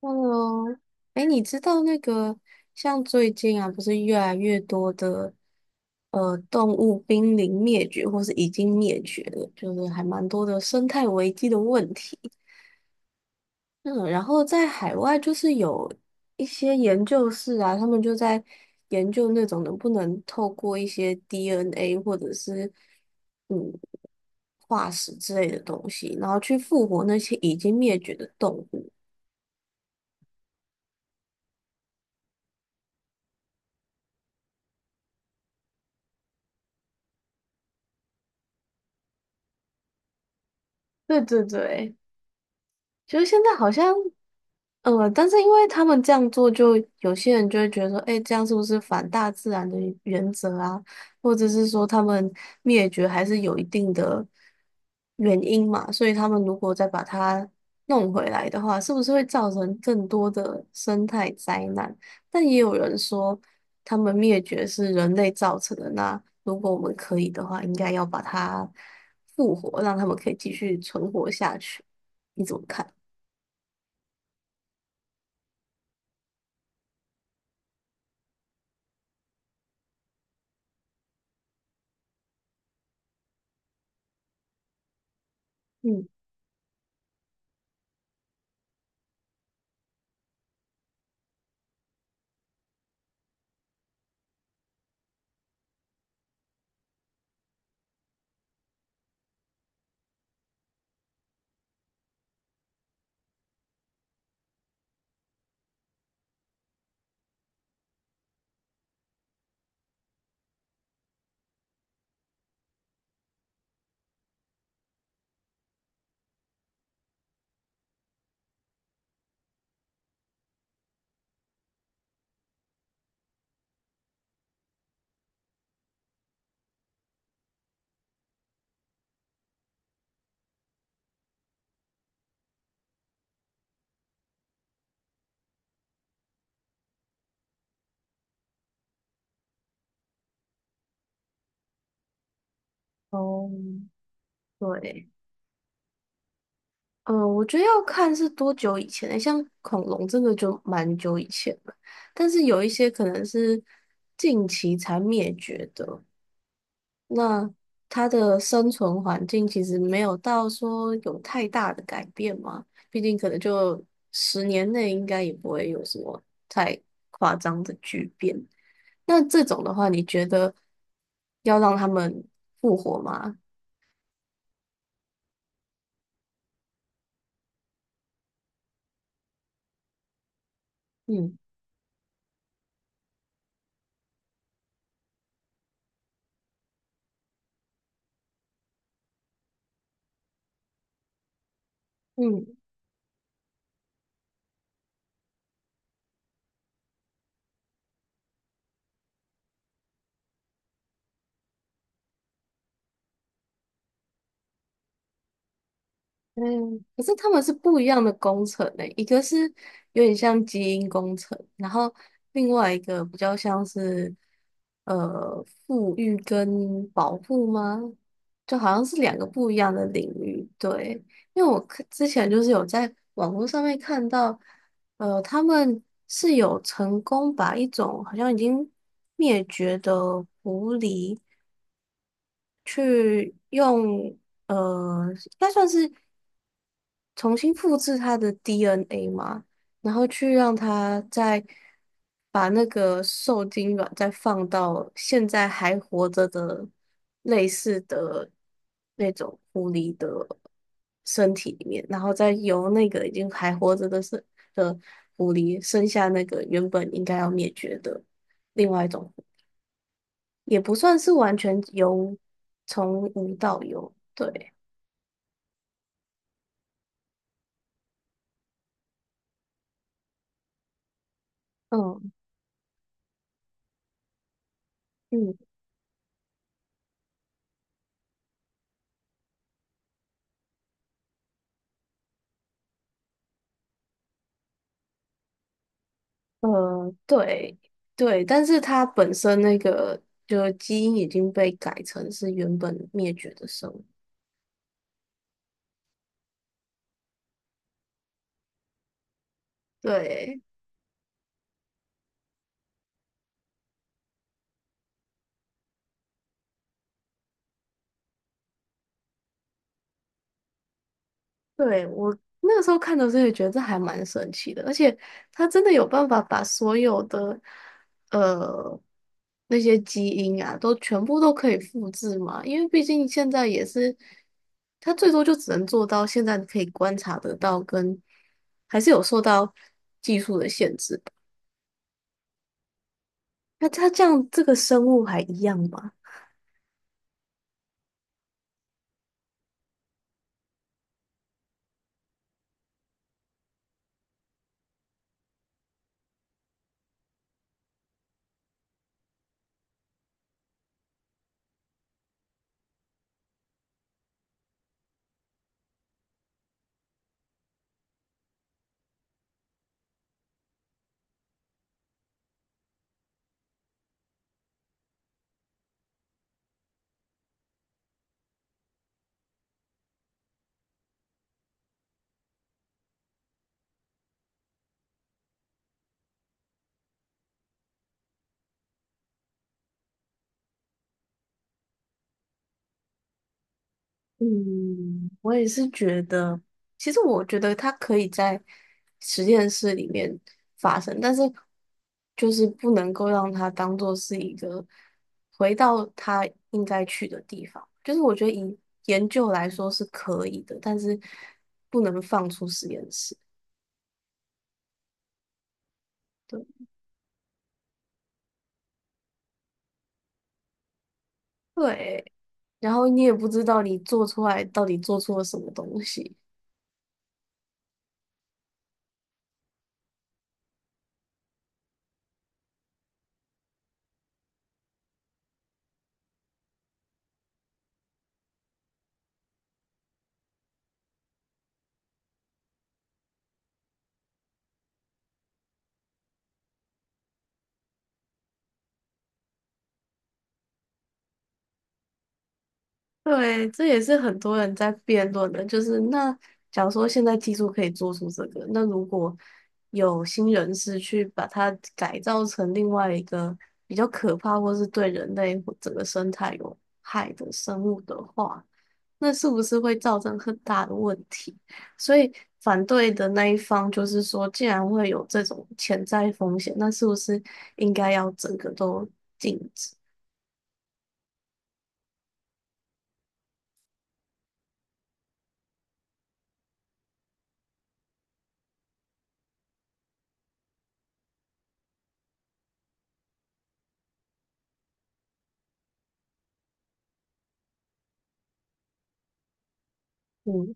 Hello，哎，你知道那个像最近啊，不是越来越多的动物濒临灭绝，或是已经灭绝了，就是还蛮多的生态危机的问题。嗯，然后在海外就是有一些研究室啊，他们就在研究那种能不能透过一些 DNA 或者是嗯化石之类的东西，然后去复活那些已经灭绝的动物。对对对，就是现在好像，但是因为他们这样做，就有些人就会觉得说，哎，这样是不是反大自然的原则啊？或者是说他们灭绝还是有一定的原因嘛？所以他们如果再把它弄回来的话，是不是会造成更多的生态灾难？但也有人说，他们灭绝是人类造成的。那如果我们可以的话，应该要把它复活，让他们可以继续存活下去。你怎么看？嗯，哦，对，嗯，我觉得要看是多久以前的，像恐龙这个就蛮久以前了，但是有一些可能是近期才灭绝的，那它的生存环境其实没有到说有太大的改变嘛，毕竟可能就十年内应该也不会有什么太夸张的巨变。那这种的话，你觉得要让他们复活吗？嗯嗯。嗯，可是他们是不一样的工程呢、一个是有点像基因工程，然后另外一个比较像是富裕跟保护吗？就好像是两个不一样的领域。对，因为我看之前就是有在网络上面看到，他们是有成功把一种好像已经灭绝的狐狸去用。应该算是重新复制它的 DNA 嘛，然后去让它再把那个受精卵再放到现在还活着的类似的那种狐狸的身体里面，然后再由那个已经还活着的是的狐狸生下那个原本应该要灭绝的另外一种狐狸也不算是完全由从无到有，对，嗯嗯。对对，但是它本身那个就基因已经被改成是原本灭绝的生物。对，对，我那时候看的时候也觉得这还蛮神奇的，而且它真的有办法把所有的呃那些基因啊，都全部都可以复制嘛？因为毕竟现在也是，它最多就只能做到现在可以观察得到跟，还是有受到，那它这样这个生物还一样吗？嗯，我也是觉得，其实我觉得它可以在实验室里面发生，但是就是不能够让它当做是一个回到它应该去的地方。就是我觉得以研究来说是可以的，但是不能放出实验室。对，对，然后你也不知道你做出来到底做错了什么东西。对，这也是很多人在辩论的，就是那假如说现在技术可以做出这个，那如果有新人士去把它改造成另外一个比较可怕或是对人类或整个生态有害的生物的话，那是不是会造成很大的问题？所以反对的那一方就是说，既然会有这种潜在风险，那是不是应该要整个都禁止？嗯。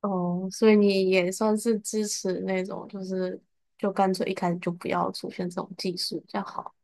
哦，所以你也算是支持那种，就是就干脆一开始就不要出现这种技术比较好。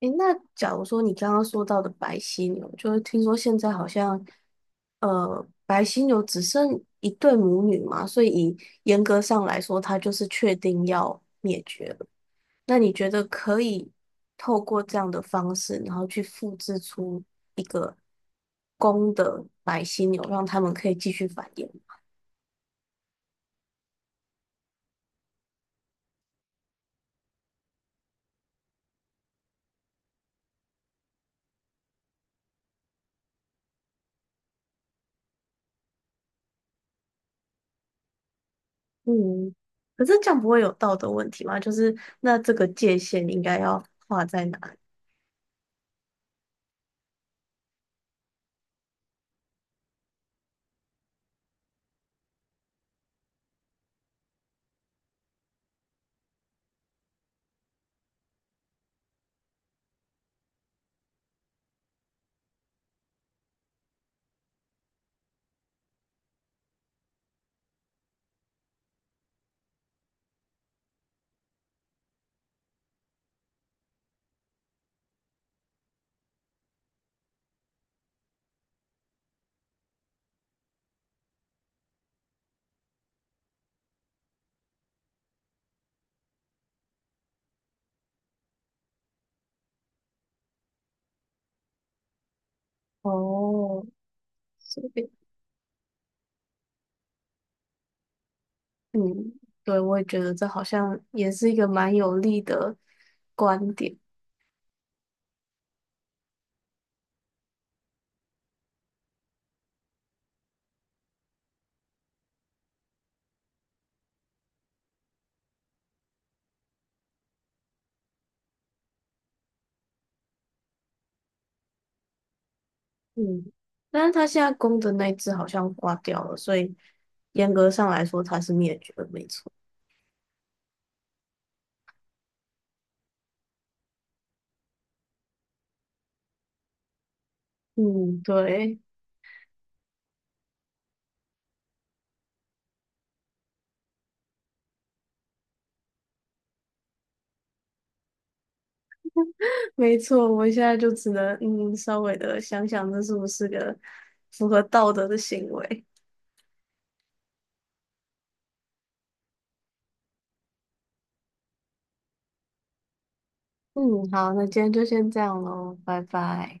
诶，那假如说你刚刚说到的白犀牛，就是听说现在好像，白犀牛只剩一对母女嘛，所以以严格上来说，它就是确定要灭绝了。那你觉得可以透过这样的方式，然后去复制出一个公的白犀牛，让它们可以继续繁衍？嗯，可是这样不会有道德问题吗？就是那这个界限应该要画在哪里？哦，所以嗯，对，我也觉得这好像也是一个蛮有力的观点。嗯，但是他现在公的那只好像挂掉了，所以严格上来说它是灭绝的，没错。嗯，对，没错，我现在就只能稍微的想想这是不是个符合道德的行为。嗯，好，那今天就先这样喽，拜拜。